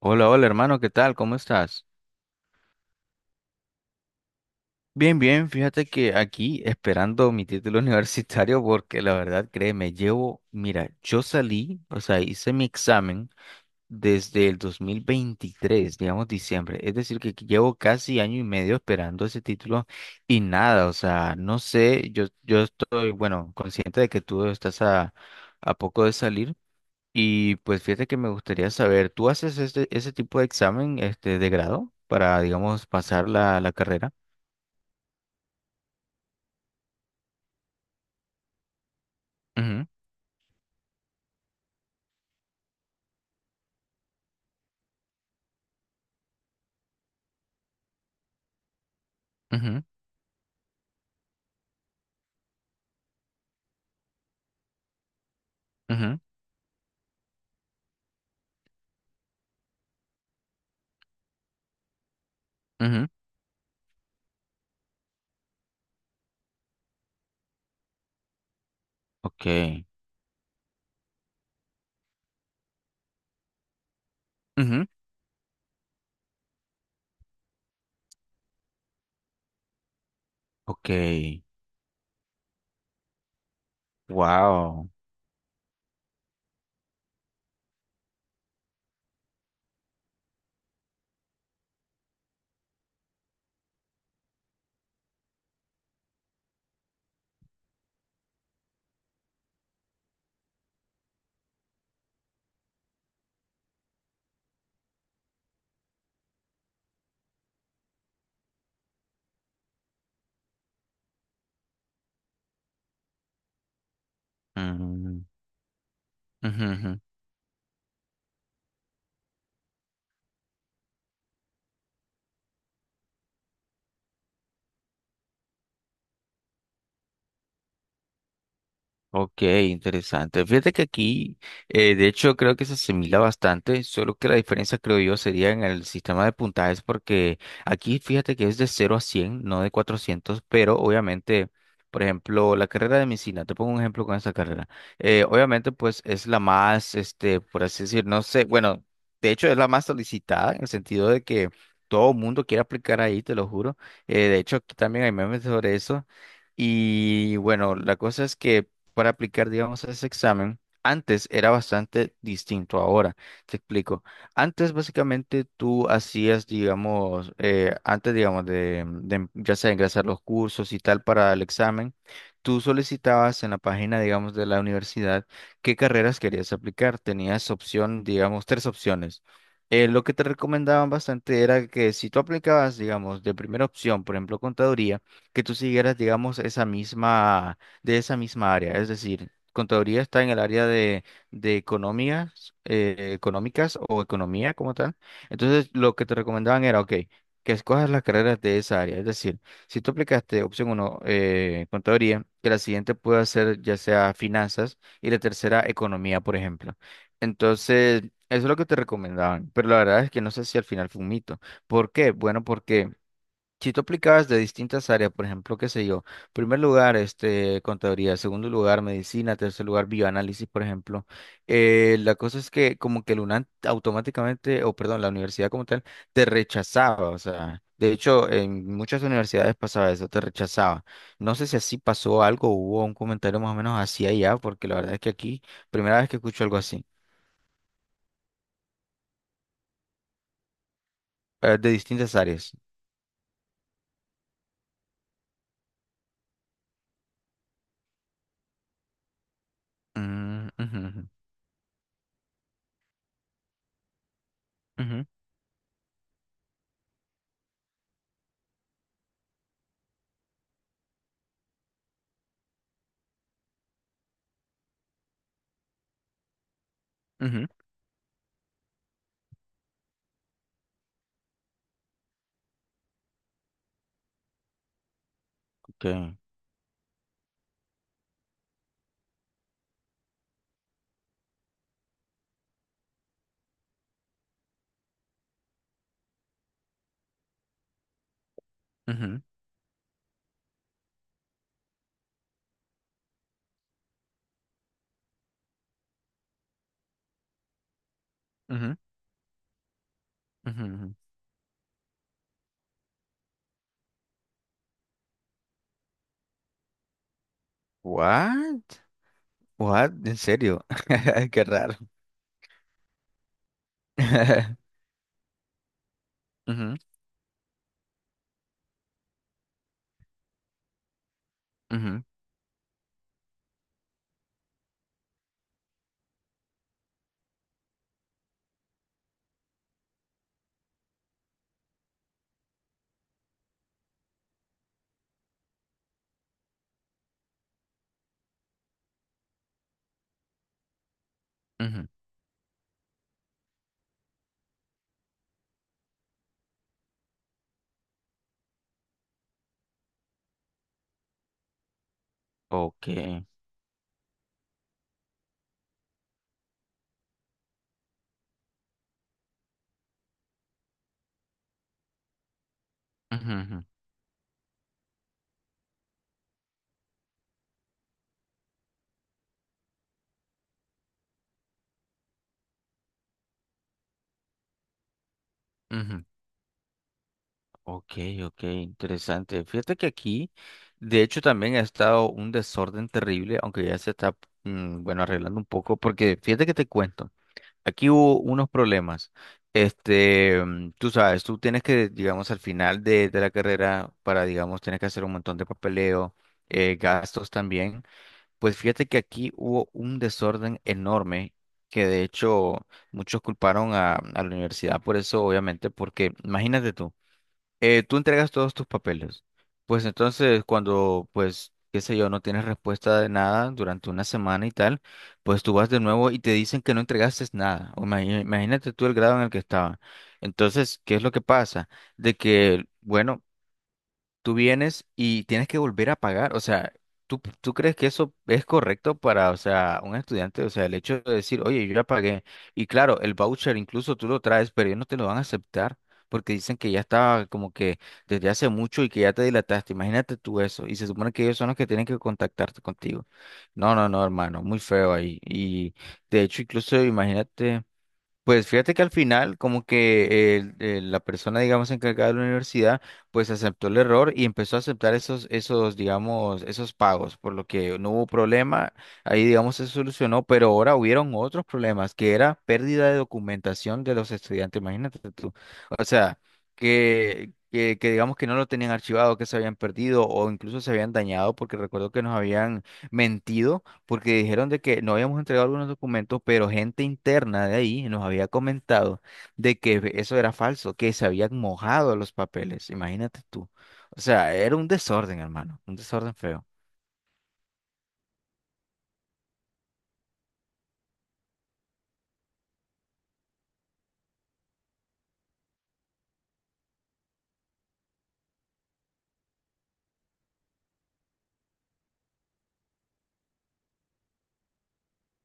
Hola, hola hermano, ¿qué tal? ¿Cómo estás? Bien, bien, fíjate que aquí esperando mi título universitario porque la verdad, créeme, llevo, mira, yo salí, o sea, hice mi examen desde el 2023, digamos diciembre, es decir, que llevo casi año y medio esperando ese título y nada, o sea, no sé, yo estoy, bueno, consciente de que tú estás a poco de salir. Y pues fíjate que me gustaría saber, ¿tú haces ese tipo de examen de grado para, digamos, pasar la carrera? Ujú, ujú, ujú, ujú. Ok. Ujú, ok. Wow. Ok, interesante. Fíjate que aquí, de hecho, creo que se asimila bastante, solo que la diferencia, creo yo, sería en el sistema de puntajes, porque aquí fíjate que es de 0 a 100, no de 400, pero obviamente, por ejemplo, la carrera de medicina, te pongo un ejemplo con esa carrera, obviamente, pues es la más, este, por así decir, no sé, bueno, de hecho es la más solicitada en el sentido de que todo el mundo quiere aplicar ahí, te lo juro. De hecho, aquí también hay memes sobre eso. Y bueno, la cosa es que para aplicar, digamos, ese examen, antes era bastante distinto ahora. Te explico. Antes, básicamente, tú hacías, digamos, antes, digamos, de, ya sea ingresar los cursos y tal para el examen, tú solicitabas en la página, digamos, de la universidad qué carreras querías aplicar. Tenías opción, digamos, tres opciones. Lo que te recomendaban bastante era que si tú aplicabas, digamos, de primera opción, por ejemplo, contaduría, que tú siguieras, digamos, esa misma de esa misma área. Es decir, contaduría está en el área de economías, económicas o economía como tal. Entonces, lo que te recomendaban era, ok, que escojas las carreras de esa área. Es decir, si tú aplicaste opción 1, contaduría, que la siguiente pueda ser ya sea finanzas y la tercera economía, por ejemplo. Entonces, eso es lo que te recomendaban, pero la verdad es que no sé si al final fue un mito. ¿Por qué? Bueno, porque si tú aplicabas de distintas áreas, por ejemplo, qué sé yo, primer lugar, este, contaduría, segundo lugar, medicina, tercer lugar, bioanálisis, por ejemplo, la cosa es que como que el UNAM automáticamente, o perdón, la universidad como tal, te rechazaba, o sea, de hecho, en muchas universidades pasaba eso, te rechazaba. No sé si así pasó algo, hubo un comentario más o menos así allá, porque la verdad es que aquí, primera vez que escucho algo así, de distintas áreas. Mm, ujú, ujú, ujú, ujú, ok, ujú, ujú, ujú, ujú. What? What? ¿En serio? Qué raro. Ujú, ujú, ujú. Ok. Ujú, ujú, ujú. Ok, ok, interesante. Fíjate que aquí, de hecho, también ha estado un desorden terrible, aunque ya se está, bueno, arreglando un poco, porque fíjate que te cuento, aquí hubo unos problemas. Tú sabes, tú tienes que, digamos, al final de la carrera, para, digamos, tienes que hacer un montón de papeleo, gastos también. Pues fíjate que aquí hubo un desorden enorme que de hecho muchos culparon a la universidad por eso, obviamente, porque imagínate tú, tú entregas todos tus papeles, pues entonces cuando, pues, qué sé yo, no tienes respuesta de nada durante una semana y tal, pues tú vas de nuevo y te dicen que no entregaste nada. O Imagínate tú el grado en el que estaba. Entonces, ¿qué es lo que pasa? De que, bueno, tú vienes y tienes que volver a pagar. O sea, ¿tú crees que eso es correcto para, o sea, un estudiante? O sea, el hecho de decir, oye, yo ya pagué. Y claro, el voucher incluso tú lo traes, pero ellos no te lo van a aceptar porque dicen que ya estaba como que desde hace mucho y que ya te dilataste. Imagínate tú eso. Y se supone que ellos son los que tienen que contactarte contigo. No, no, no, hermano, muy feo ahí. Y de hecho, incluso imagínate. Pues fíjate que al final, como que la persona, digamos, encargada de la universidad, pues aceptó el error y empezó a aceptar esos, digamos, esos pagos, por lo que no hubo problema, ahí, digamos, se solucionó, pero ahora hubieron otros problemas, que era pérdida de documentación de los estudiantes, imagínate tú. O sea, que digamos que no lo tenían archivado, que se habían perdido o incluso se habían dañado, porque recuerdo que nos habían mentido porque dijeron de que no habíamos entregado algunos documentos, pero gente interna de ahí nos había comentado de que eso era falso, que se habían mojado los papeles, imagínate tú. O sea, era un desorden, hermano, un desorden feo.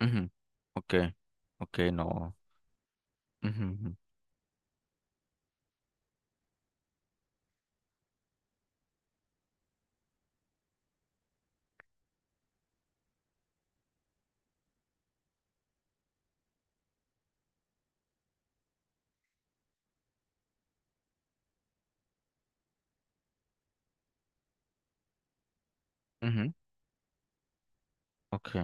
Ujú, ok, ok, no. Ujú, ujú, ujú, ok,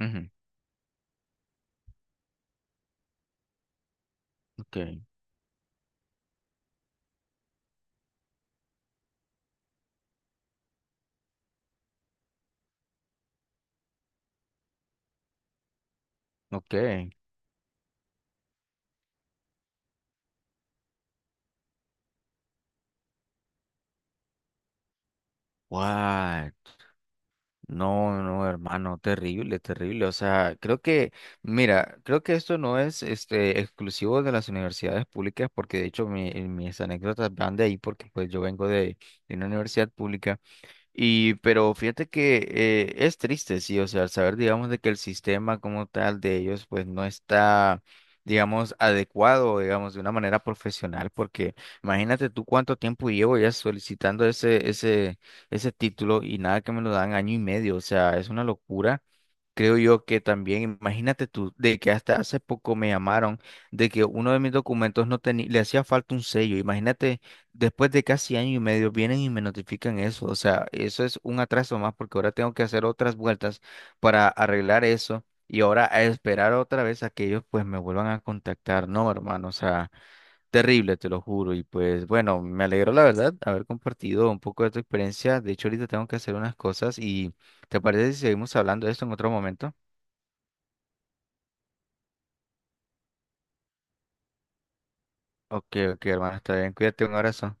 ujú, ok, ok. Guay. No, no, hermano, terrible, terrible. O sea, creo que, mira, creo que esto no es exclusivo de las universidades públicas, porque de hecho mis anécdotas van de ahí, porque pues yo vengo de una universidad pública. Y, pero fíjate que es triste, sí, o sea, al saber, digamos, de que el sistema como tal de ellos, pues no está, digamos, adecuado, digamos, de una manera profesional, porque imagínate tú cuánto tiempo llevo ya solicitando ese título y nada que me lo dan año y medio, o sea, es una locura. Creo yo que también, imagínate tú, de que hasta hace poco me llamaron de que uno de mis documentos no tenía, le hacía falta un sello. Imagínate, después de casi año y medio vienen y me notifican eso. O sea, eso es un atraso más porque ahora tengo que hacer otras vueltas para arreglar eso y ahora a esperar otra vez a que ellos pues me vuelvan a contactar. No, hermano, o sea, terrible, te lo juro. Y pues bueno, me alegro la verdad haber compartido un poco de tu experiencia. De hecho, ahorita tengo que hacer unas cosas y ¿te parece si seguimos hablando de esto en otro momento? Ok, ok, hermano, está bien. Cuídate, un abrazo.